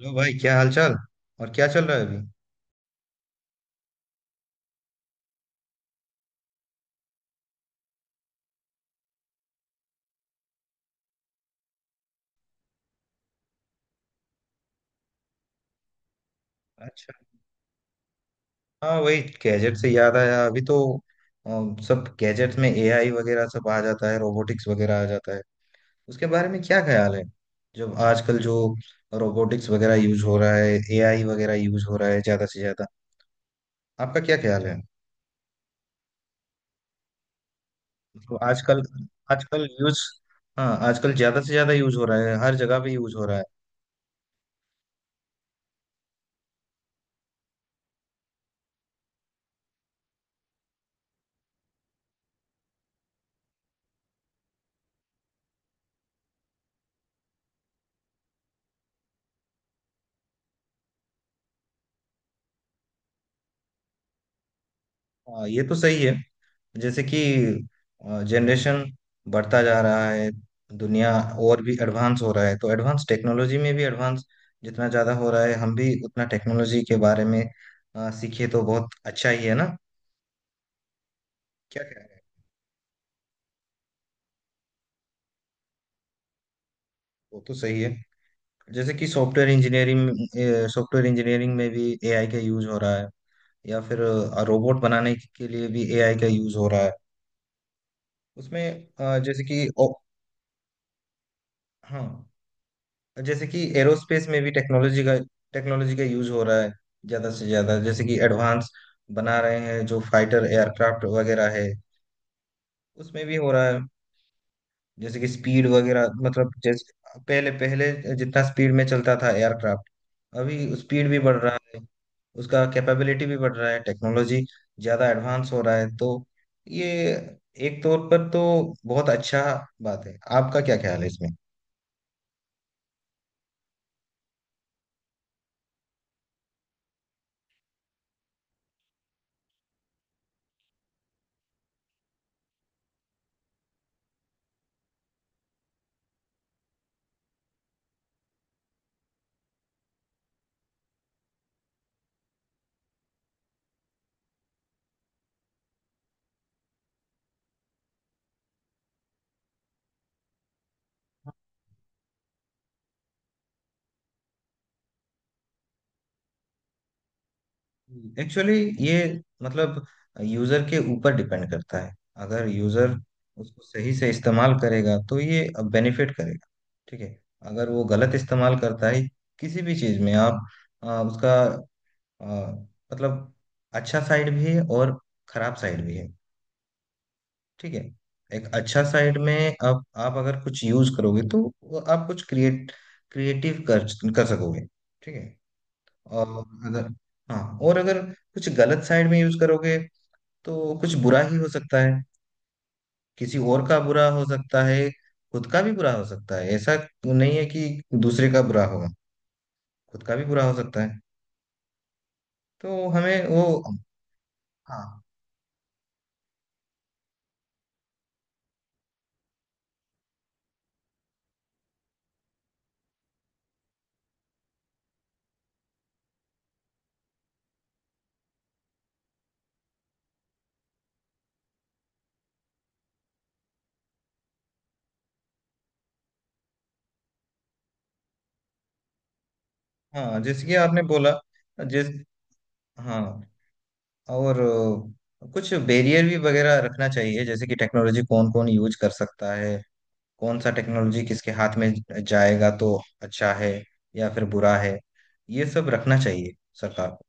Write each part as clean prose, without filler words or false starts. Hello भाई, क्या हाल चाल। और क्या चल रहा है अभी। अच्छा, हाँ वही गैजेट से याद आया अभी तो सब गैजेट्स में एआई वगैरह सब आ जाता है, रोबोटिक्स वगैरह आ जाता है। उसके बारे में क्या ख्याल है। जब आजकल जो रोबोटिक्स वगैरह यूज हो रहा है, एआई वगैरह यूज हो रहा है ज्यादा से ज्यादा, आपका क्या ख्याल है। मतलब आजकल आजकल यूज, हाँ आजकल ज्यादा से ज्यादा यूज हो रहा है, हर जगह पे यूज हो रहा है। हाँ ये तो सही है। जैसे कि जनरेशन बढ़ता जा रहा है, दुनिया और भी एडवांस हो रहा है, तो एडवांस टेक्नोलॉजी में भी एडवांस जितना ज़्यादा हो रहा है, हम भी उतना टेक्नोलॉजी के बारे में सीखे तो बहुत अच्छा ही है ना। क्या कह रहे हैं। वो तो सही है। जैसे कि सॉफ्टवेयर इंजीनियरिंग, सॉफ्टवेयर इंजीनियरिंग में भी एआई का यूज हो रहा है, या फिर रोबोट बनाने के लिए भी एआई का यूज हो रहा है। उसमें जैसे कि हाँ जैसे कि एरोस्पेस में भी टेक्नोलॉजी का यूज हो रहा है ज्यादा से ज्यादा। जैसे कि एडवांस बना रहे हैं जो फाइटर एयरक्राफ्ट वगैरह है, उसमें भी हो रहा है। जैसे कि स्पीड वगैरह, मतलब जैसे पहले पहले जितना स्पीड में चलता था एयरक्राफ्ट, अभी स्पीड भी बढ़ रहा है, उसका कैपेबिलिटी भी बढ़ रहा है। टेक्नोलॉजी ज्यादा एडवांस हो रहा है, तो ये एक तौर पर तो बहुत अच्छा बात है। आपका क्या ख्याल है इसमें। एक्चुअली ये मतलब यूजर के ऊपर डिपेंड करता है। अगर यूजर उसको सही से इस्तेमाल करेगा तो ये बेनिफिट करेगा, ठीक है। अगर वो गलत इस्तेमाल करता है किसी भी चीज में, आप आ, उसका आ, मतलब अच्छा साइड भी है और खराब साइड भी है, ठीक है। एक अच्छा साइड में, आप अगर कुछ यूज करोगे तो वो आप कुछ क्रिएट क्रिएटिव कर कर सकोगे, ठीक है। और अगर, हाँ और अगर कुछ गलत साइड में यूज करोगे तो कुछ बुरा ही हो सकता है। किसी और का बुरा हो सकता है, खुद का भी बुरा हो सकता है। ऐसा तो नहीं है कि दूसरे का बुरा होगा, खुद का भी बुरा हो सकता है। तो हमें वो, हाँ हाँ जैसे कि आपने बोला जिस, हाँ और कुछ बैरियर भी वगैरह रखना चाहिए। जैसे कि टेक्नोलॉजी कौन कौन यूज कर सकता है, कौन सा टेक्नोलॉजी किसके हाथ में जाएगा तो अच्छा है या फिर बुरा है, ये सब रखना चाहिए सरकार को।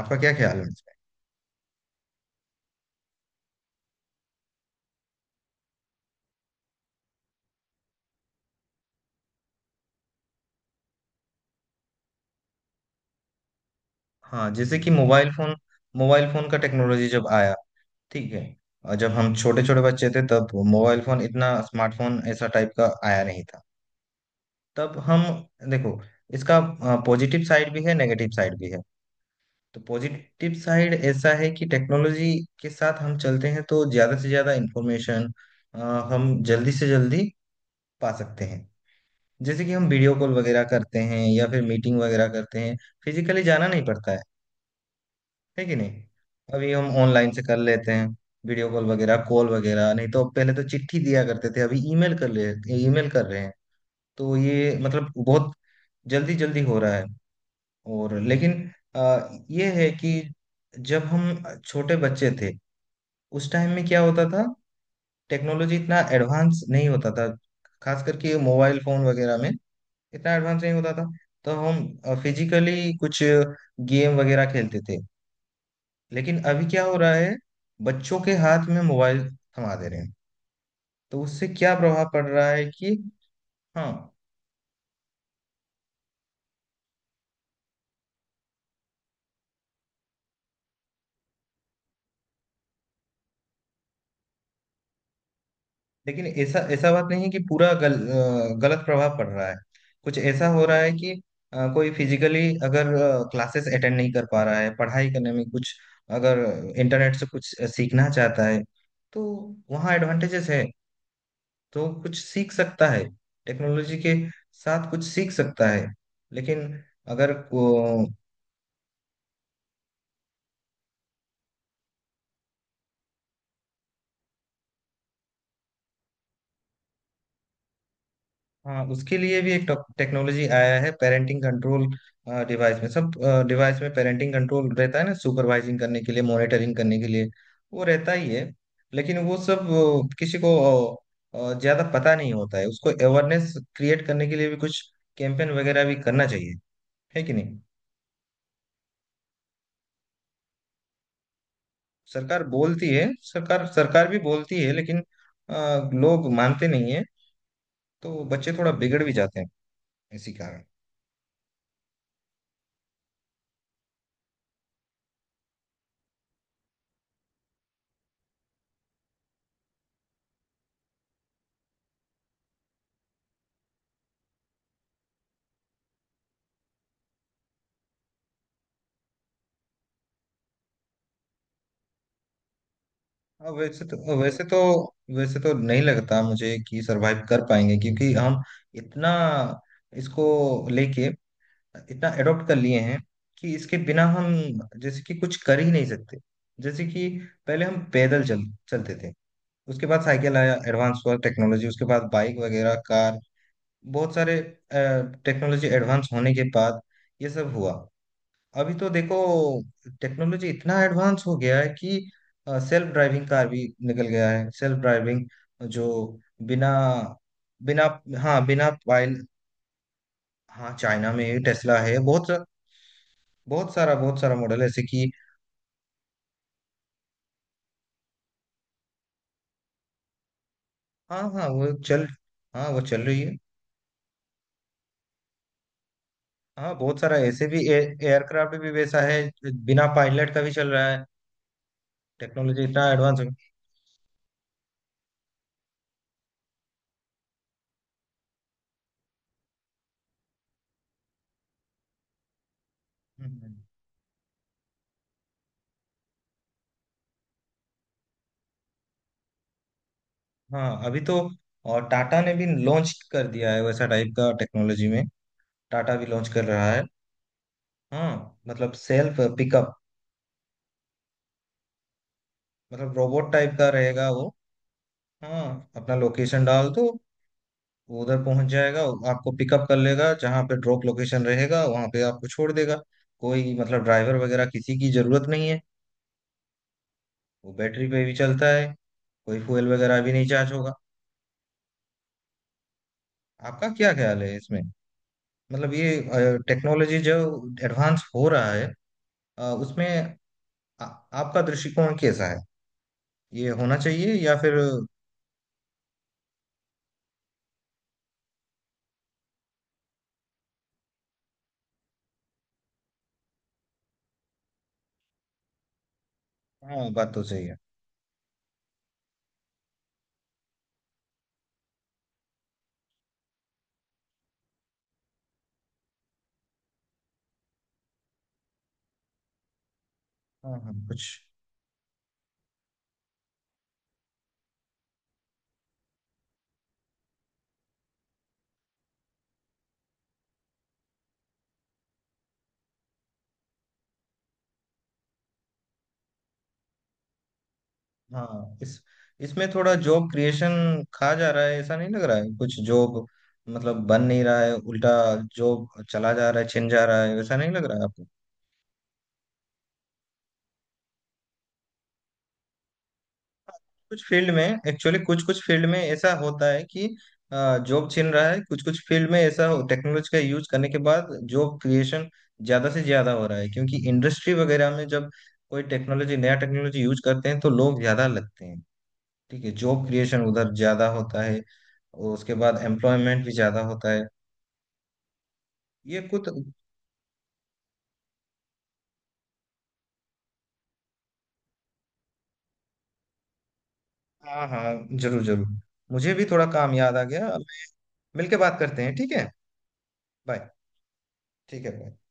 आपका क्या ख्याल है इसमें। हाँ जैसे कि मोबाइल फोन, मोबाइल फोन का टेक्नोलॉजी जब आया, ठीक है। और जब हम छोटे छोटे बच्चे थे, तब मोबाइल फोन इतना स्मार्टफोन ऐसा टाइप का आया नहीं था। तब हम, देखो इसका पॉजिटिव साइड भी है, नेगेटिव साइड भी है। तो पॉजिटिव साइड ऐसा है कि टेक्नोलॉजी के साथ हम चलते हैं तो ज्यादा से ज्यादा इंफॉर्मेशन हम जल्दी से जल्दी पा सकते हैं। जैसे कि हम वीडियो कॉल वगैरह करते हैं या फिर मीटिंग वगैरह करते हैं, फिजिकली जाना नहीं पड़ता है कि नहीं। अभी हम ऑनलाइन से कर लेते हैं, वीडियो कॉल वगैरह, कॉल वगैरह। नहीं तो पहले तो चिट्ठी दिया करते थे, अभी ईमेल कर ले, ईमेल कर रहे हैं। तो ये मतलब बहुत जल्दी जल्दी हो रहा है। और लेकिन आ, ये है कि जब हम छोटे बच्चे थे, उस टाइम में क्या होता था, टेक्नोलॉजी इतना एडवांस नहीं होता था, खास करके मोबाइल फोन वगैरह में इतना एडवांस नहीं होता था। तो हम फिजिकली कुछ गेम वगैरह खेलते थे। लेकिन अभी क्या हो रहा है, बच्चों के हाथ में मोबाइल थमा दे रहे हैं, तो उससे क्या प्रभाव पड़ रहा है कि, हाँ लेकिन ऐसा ऐसा बात नहीं है कि पूरा गलत प्रभाव पड़ रहा है। कुछ ऐसा हो रहा है कि कोई फिजिकली अगर क्लासेस अटेंड नहीं कर पा रहा है, पढ़ाई करने में कुछ, अगर इंटरनेट से कुछ सीखना चाहता है तो वहाँ एडवांटेजेस है, तो कुछ सीख सकता है, टेक्नोलॉजी के साथ कुछ सीख सकता है। लेकिन अगर को, हाँ उसके लिए भी एक टेक्नोलॉजी आया है, पेरेंटिंग कंट्रोल। डिवाइस में सब, डिवाइस में पेरेंटिंग कंट्रोल रहता है ना, सुपरवाइजिंग करने के लिए, मॉनिटरिंग करने के लिए, वो रहता ही है। लेकिन वो सब किसी को ज्यादा पता नहीं होता है, उसको अवेयरनेस क्रिएट करने के लिए भी कुछ कैंपेन वगैरह भी करना चाहिए, है कि नहीं। सरकार बोलती है, सरकार सरकार भी बोलती है, लेकिन लोग मानते नहीं है, तो बच्चे थोड़ा बिगड़ भी जाते हैं इसी कारण। अब वैसे तो वैसे तो नहीं लगता मुझे कि सरवाइव कर पाएंगे, क्योंकि हम इतना इसको लेके इतना एडॉप्ट कर लिए हैं कि इसके बिना हम जैसे कि कुछ कर ही नहीं सकते। जैसे कि पहले हम पैदल चल चलते थे, उसके बाद साइकिल आया, एडवांस हुआ टेक्नोलॉजी, उसके बाद बाइक वगैरह कार, बहुत सारे टेक्नोलॉजी एडवांस होने के बाद ये सब हुआ। अभी तो देखो टेक्नोलॉजी इतना एडवांस हो गया है कि सेल्फ ड्राइविंग कार भी निकल गया है। सेल्फ ड्राइविंग जो बिना, बिना, हाँ बिना पायल, हाँ चाइना में टेस्ला है बहुत सा, बहुत सारा, बहुत सारा मॉडल ऐसे कि, हाँ हाँ वो चल, हाँ वो चल रही है। हाँ बहुत सारा ऐसे भी, एयरक्राफ्ट भी वैसा है, बिना पायलट का भी चल रहा है। टेक्नोलॉजी इतना एडवांस हो गया। हाँ अभी तो, और टाटा ने भी लॉन्च कर दिया है वैसा टाइप का टेक्नोलॉजी में, टाटा भी लॉन्च कर रहा है। हाँ मतलब सेल्फ पिकअप, मतलब रोबोट टाइप का रहेगा वो। हाँ अपना लोकेशन डाल दो, वो उधर पहुंच जाएगा, वो आपको पिकअप कर लेगा, जहाँ पे ड्रॉप लोकेशन रहेगा वहां पे आपको छोड़ देगा। कोई मतलब ड्राइवर वगैरह किसी की जरूरत नहीं है। वो बैटरी पे भी चलता है, कोई फ्यूल वगैरह भी नहीं चार्ज होगा। आपका क्या ख्याल है इसमें, मतलब ये टेक्नोलॉजी जो एडवांस हो रहा है उसमें आ, आपका दृष्टिकोण कैसा है, ये होना चाहिए या फिर, हाँ बात तो सही है। हाँ हाँ कुछ, हाँ इस, इसमें थोड़ा जॉब क्रिएशन खा जा रहा है, ऐसा नहीं लग रहा है, कुछ जॉब मतलब बन नहीं रहा है, उल्टा जॉब चला जा रहा है, छिन जा रहा है, वैसा नहीं लग रहा है। कुछ फील्ड में एक्चुअली कुछ कुछ फील्ड में ऐसा होता है कि जॉब छिन रहा है। कुछ कुछ फील्ड में ऐसा टेक्नोलॉजी का यूज करने के बाद जॉब क्रिएशन ज्यादा से ज्यादा हो रहा है, क्योंकि इंडस्ट्री वगैरह में जब कोई टेक्नोलॉजी, नया टेक्नोलॉजी यूज करते हैं तो लोग ज्यादा लगते हैं, ठीक है। जॉब क्रिएशन उधर ज्यादा होता है, और उसके बाद एम्प्लॉयमेंट भी ज्यादा होता है। ये कुछ, हाँ हाँ जरूर जरूर, मुझे भी थोड़ा काम याद आ गया, मिलके बात करते हैं, ठीक है। बाय। ठीक है, bye।